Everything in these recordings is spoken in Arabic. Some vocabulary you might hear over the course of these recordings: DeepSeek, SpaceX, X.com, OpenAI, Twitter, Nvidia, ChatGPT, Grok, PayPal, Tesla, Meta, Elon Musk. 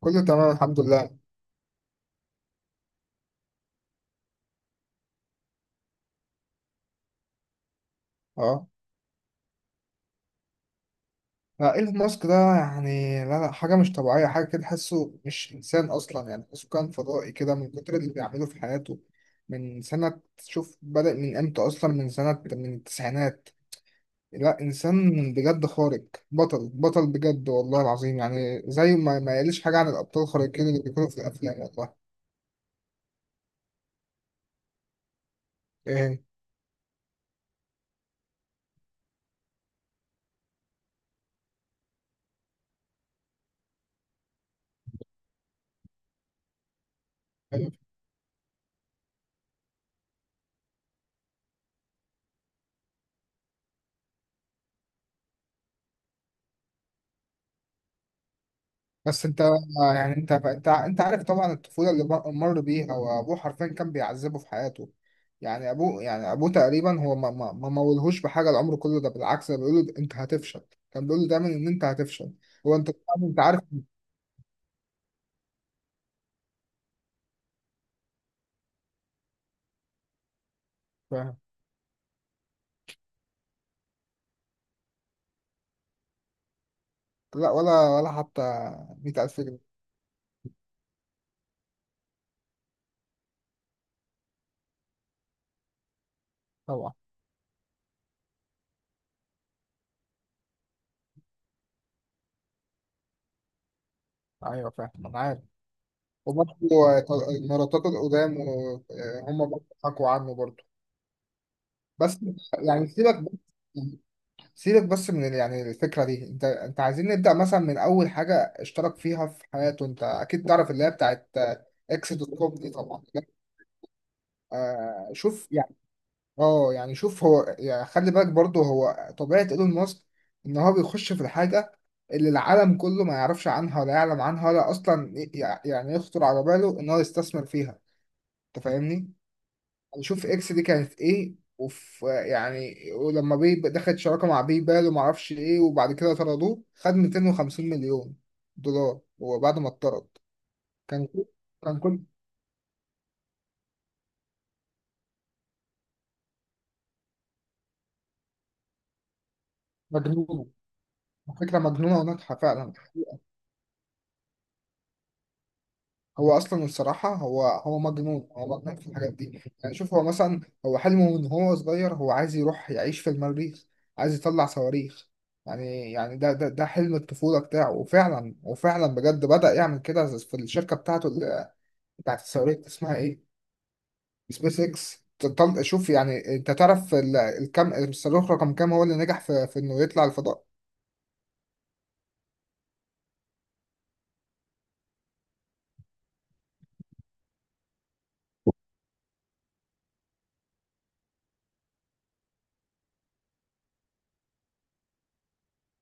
كله تمام الحمد لله. اه. لا، ايلون ماسك ده يعني لا لا حاجة مش طبيعية، حاجة كده تحسه مش إنسان أصلا، يعني تحسه كان فضائي كده من كتر اللي بيعمله في حياته. من سنة، شوف بدأ من إمتى أصلا، من سنة من التسعينات. لا إنسان بجد خارق، بطل بطل بجد والله العظيم، يعني زي ما يقلش حاجة عن الأبطال الخارقين اللي بيكونوا في الأفلام والله. إيه بس انت يعني انت عارف طبعا الطفوله اللي مر بيها، وابوه حرفيا كان بيعذبه في حياته. يعني ابوه، يعني ابوه تقريبا هو ما ما ما مولهوش بحاجه العمر كله ده، بالعكس ده بيقول له انت هتفشل، كان بيقول له دايما ان انت هتفشل. هو انت طبعاً انت عارف. فاهم. لا ولا حتى 100,000 جنيه. طبعا. ايوه فاهم انا عارف. وبرضه مراتات القدام وهم برضه حكوا عنه برضه. بس يعني سيبك بس، يعني سيبك بس يعني الفكرة دي، انت عايزين نبدأ مثلا من أول حاجة اشترك فيها في حياته. انت أكيد تعرف اللي هي بتاعت اكس دوت كوم دي طبعا. آه شوف يعني، اه يعني شوف هو يعني خلي بالك برضه هو طبيعة ايلون ماسك ان هو بيخش في الحاجة اللي العالم كله ما يعرفش عنها ولا يعلم عنها ولا أصلا يعني يخطر على باله ان هو يستثمر فيها. انت فاهمني؟ نشوف اكس دي كانت ايه، وف يعني ولما بي دخلت شراكه مع باي بال وما اعرفش ايه، وبعد كده طردوه خد 250 مليون دولار هو بعد ما اتطرد. كان كل- كان كل مجنون، فكره مجنونه وناجحه فعلا. هو اصلا الصراحه هو مجنون، هو مجنون في الحاجات دي. يعني شوف هو مثلا، هو حلمه من هو صغير هو عايز يروح يعيش في المريخ، عايز يطلع صواريخ. يعني يعني ده حلم الطفولة بتاعه، وفعلا بجد بدأ يعمل كده في الشركة بتاعته بتاعت الصاروخ اسمها ايه. سبيس اكس. شوف يعني انت تعرف الكم الصاروخ رقم كام هو اللي نجح في انه يطلع الفضاء.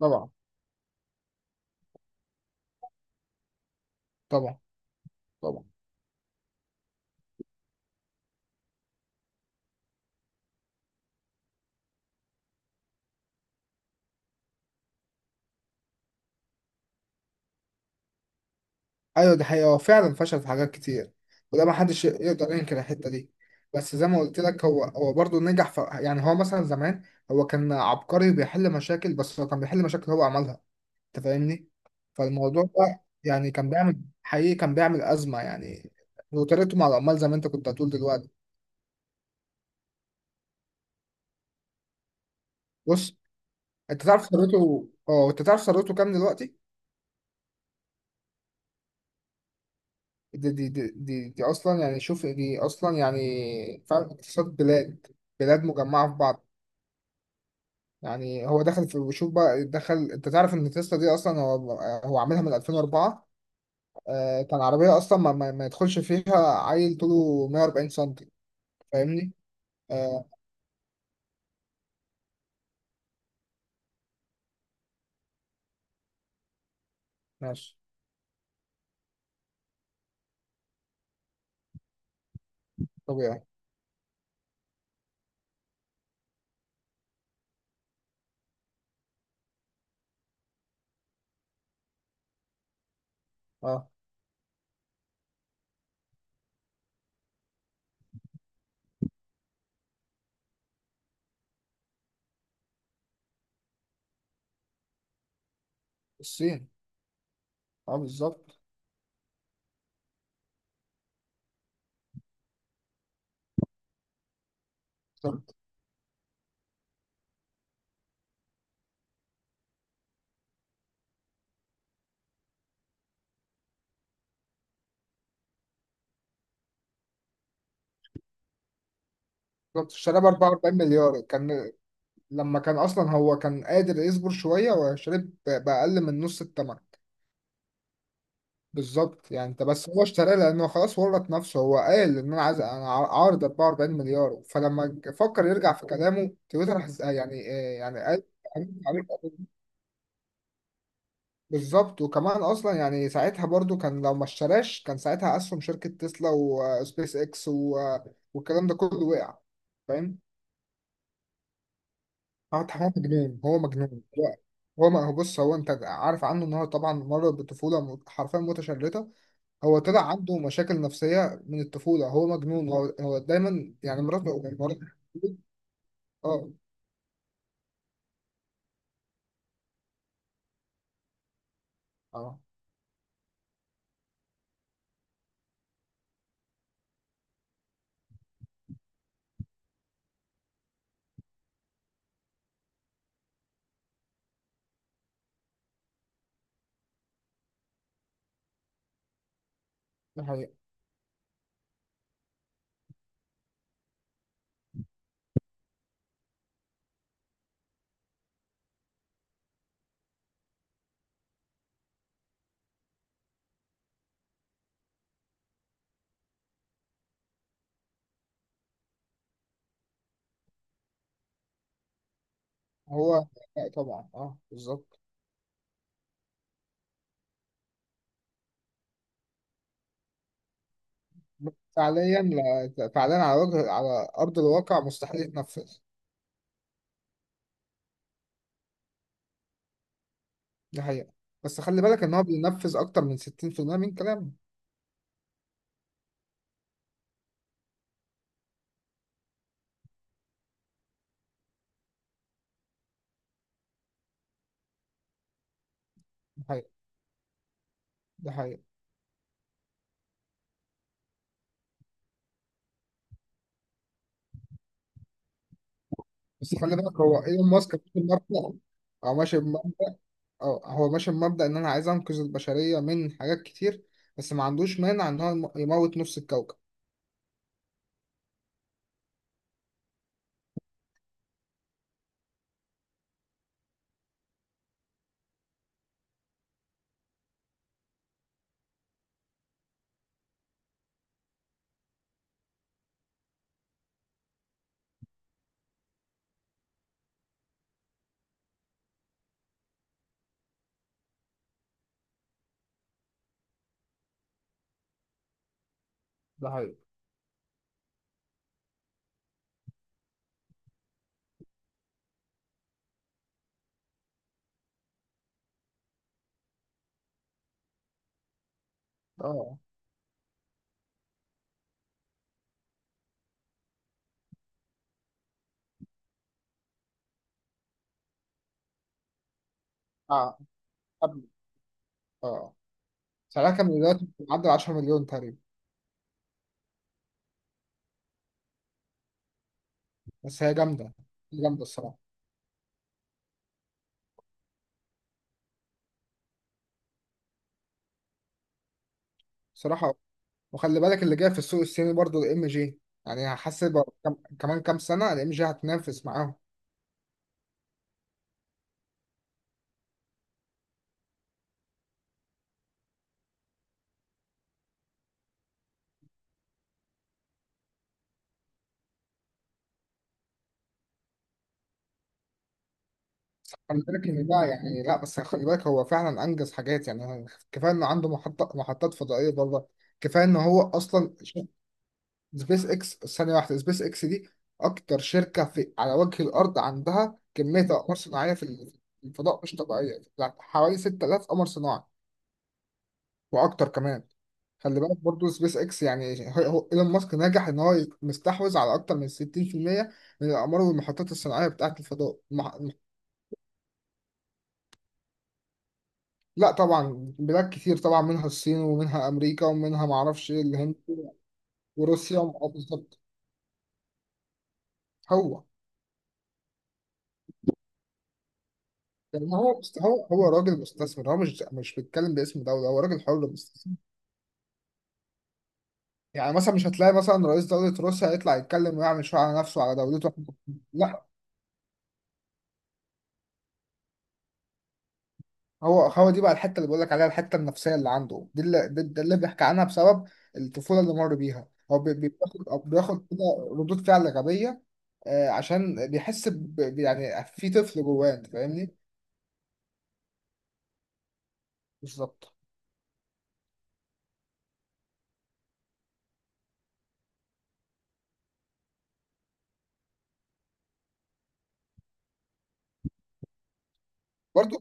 طبعا. طبعا. طبعا. ايوه دي حقيقة، هو فعلا فشل في حاجات كتير، وده ما حدش يقدر ينكر الحتة دي. بس زي ما قلت لك هو برضه نجح في، يعني هو مثلا زمان هو كان عبقري بيحل مشاكل، بس هو كان بيحل مشاكل هو عملها. انت فاهمني. فالموضوع ده يعني كان بيعمل حقيقي، كان بيعمل أزمة يعني. وطريقته مع العمال زي ما انت كنت هتقول دلوقتي. بص، انت تعرف ثروته. اه انت تعرف ثروته كام دلوقتي. دي اصلا يعني شوف دي اصلا يعني فعلا اقتصاد بلاد، بلاد مجمعه في بعض. يعني هو دخل في، شوف بقى، دخل انت تعرف ان تسلا دي اصلا هو عاملها من 2004. آه كان عربيه اصلا ما يدخلش فيها. عيل طوله 140 سم. فاهمني. آه. ماشي. طبيعي. اه. الصين. اه بالظبط. بالظبط. بالظبط. اشتريها ب 44 مليار كان، لما كان اصلا هو كان قادر يصبر شويه وشرب باقل من نص الثمن. بالظبط يعني انت بس هو اشتراه لانه خلاص ورط نفسه، هو قال ان انا عايز انا عارض 44 مليار، فلما فكر يرجع في كلامه تويتر يعني يعني قال عليك. بالظبط. وكمان اصلا يعني ساعتها برضو كان لو ما اشتراش كان ساعتها اسهم شركه تسلا وسبيس اكس والكلام ده كله وقع. فاهم. اه هو مجنون، هو ما هو بص هو انت عارف عنه ان هو طبعا مر بطفوله حرفيا متشرده. هو طلع عنده مشاكل نفسيه من الطفوله، هو مجنون، هو دايما يعني مرات. اه. اه. ده حقيقة. هو لا طبعا، اه بالظبط. بس فعليا فعليا على وجه على ارض الواقع مستحيل يتنفذ. ده حقيقة. بس خلي بالك ان هو بينفذ اكتر من 60% من كلامه. ده حقيقة. ده حقيقة. بس خلي بالك هو ايلون ماسك ماشي بمبدأ. او ماشي. اه هو ماشي بمبدأ ان انا عايز انقذ البشرية من حاجات كتير، بس ما عندوش مانع ان هو يموت نص الكوكب. ده حقيقي. اه. اه. قبل. اه سعرها كان دلوقتي معدي 10 مليون تقريبا. بس هي جامدة. هي جامدة الصراحة. الصراحة وخلي بالك اللي جاي في السوق الصيني برضو الام جي. يعني هحس بقى كم... كمان كام سنة الام جي هتنافس معاهم. بس خلي بالك ان ده يعني لا، بس خلي بالك هو فعلا انجز حاجات يعني. كفاية انه عنده محطات فضائية برضه. كفاية ان هو اصلا سبيس اكس، ثانية واحدة، سبيس اكس دي أكتر شركة في على وجه الأرض عندها كمية أقمار صناعية في الفضاء مش طبيعية، يعني حوالي 6000 قمر صناعي وأكتر كمان. خلي بالك برضو سبيس اكس يعني هو ايلون ماسك نجح ان هو مستحوذ على اكتر من 60% من الاقمار والمحطات الصناعيه بتاعه الفضاء. مح... لا طبعا بلاد كتير طبعا، منها الصين ومنها امريكا ومنها معرفش ايه الهند وروسيا. بالظبط. هو لان هو هو راجل مستثمر، هو مش بيتكلم باسم دوله، هو راجل حر مستثمر. يعني مثلا مش هتلاقي مثلا رئيس دوله روسيا يطلع يتكلم ويعمل شو على نفسه على دولته. لا. هو دي بقى الحته اللي بقول لك عليها، الحته النفسيه اللي عنده دي، اللي دي دي اللي بيحكي عنها، بسبب الطفوله اللي مر بيها. هو بياخد أو بياخد كده ردود فعل غبيه. عشان بيحس يعني في طفل جواه، انت فاهمني. بالظبط. برضه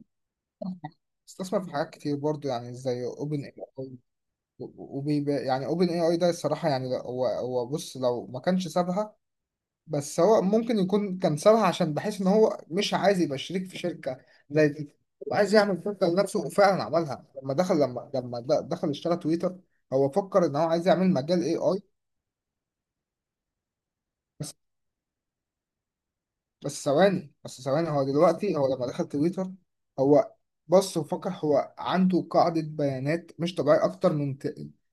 استثمر في حاجات كتير برضه، يعني زي اوبن. وبيبقى يعني اوبن اي اي ده الصراحه يعني، هو بص لو ما كانش سابها. بس هو ممكن يكون كان سابها عشان بحيث ان هو مش عايز يبقى شريك في شركه زي دي. هو عايز يعمل شركه لنفسه، وفعلا عملها لما دخل، دخل اشترى تويتر. هو فكر ان هو عايز يعمل مجال اي اي. بس ثواني، بس ثواني، هو دلوقتي هو لما دخل تويتر، هو بص وفكر هو عنده قاعدة بيانات مش طبيعية أكتر من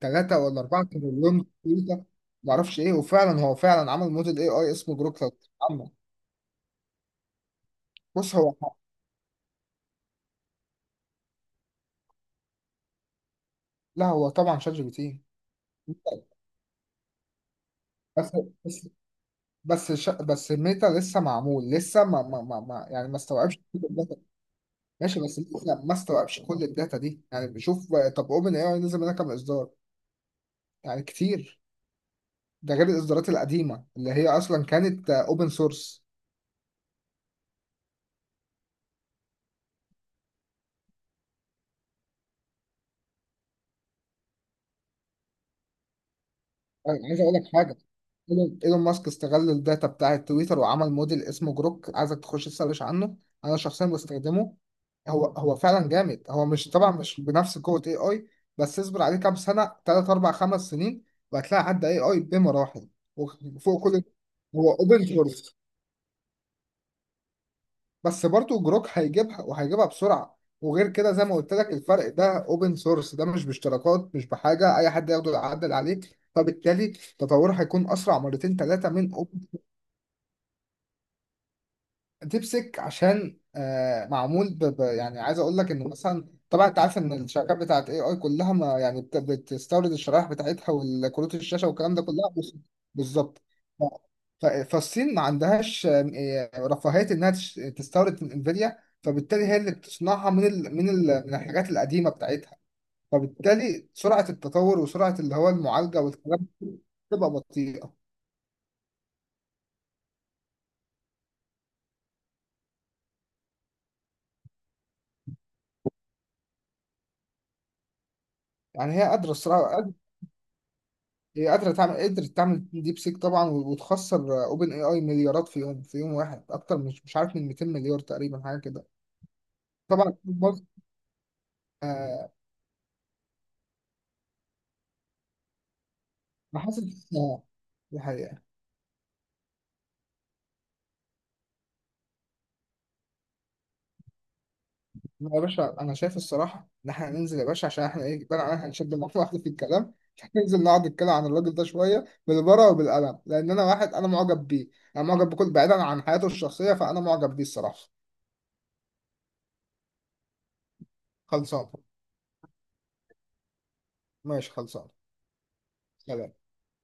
ثلاثة ولا أربعة تريليون تويتر معرفش إيه. وفعلا فعلا عمل موديل إي آي اسمه جروكلت عمل. بص هو. لا هو طبعا شات جي بي تي. بس بس بس ميتا لسه معمول لسه يعني ما استوعبش كل الداتا. ماشي بس لسه ما استوعبش كل الداتا دي يعني. بشوف طب اوبن اي اي نزل منها كام اصدار، يعني كتير. ده غير الاصدارات القديمه اللي هي اصلا كانت اوبن سورس. عايز اقول لك حاجه. إيلون ماسك استغل الداتا بتاعه تويتر وعمل موديل اسمه جروك. عايزك تخش تسرش عنه، انا شخصيا بستخدمه. هو فعلا جامد، هو مش طبعا مش بنفس قوه اي اي، بس اصبر عليه كام سنه، 3 4 5 سنين، وهتلاقي عدى اي اي بمراحل وفوق كل. هو اوبن سورس بس برضو جروك هيجيبها، وهيجيبها بسرعة. وغير كده زي ما قلت لك الفرق ده اوبن سورس ده مش باشتراكات مش بحاجة، اي حد يقدر يعدل عليه، فبالتالي تطوره هيكون اسرع مرتين ثلاثة من ديبسيك. عشان معمول يعني عايز اقول لك انه مثلا طبعا انت عارف ان الشركات بتاعت اي اي كلها ما يعني بتستورد الشرائح بتاعتها والكروت الشاشه والكلام ده كلها بس. بالظبط. ف... فالصين ما عندهاش آم، آه، رفاهيه انها تستورد من انفيديا، فبالتالي هي اللي بتصنعها من الحاجات القديمه بتاعتها. فبالتالي سرعه التطور وسرعه اللي هو المعالجه والكلام ده تبقى بطيئه. يعني هي قادره الصراحه، هي قادرة تعمل، قدرت تعمل ديب سيك طبعا وتخسر اوبن اي اي مليارات في يوم، في يوم واحد، اكتر مش عارف من 200 مليار تقريبا حاجة كده. طبعا برضه. آه ما حصلش. دي حقيقة. لا يا باشا أنا شايف الصراحة إن إحنا ننزل يا باشا، عشان إحنا إيه بقى، أنا هنشد مع واحد في الكلام. ننزل نقعد نتكلم عن الراجل ده شوية بالورقة وبالقلم، لأن أنا واحد أنا معجب بيه، أنا معجب بكل، بعيدا عن حياته الشخصية فأنا معجب بيه الصراحة. خلصان. ماشي خلصان. سلام.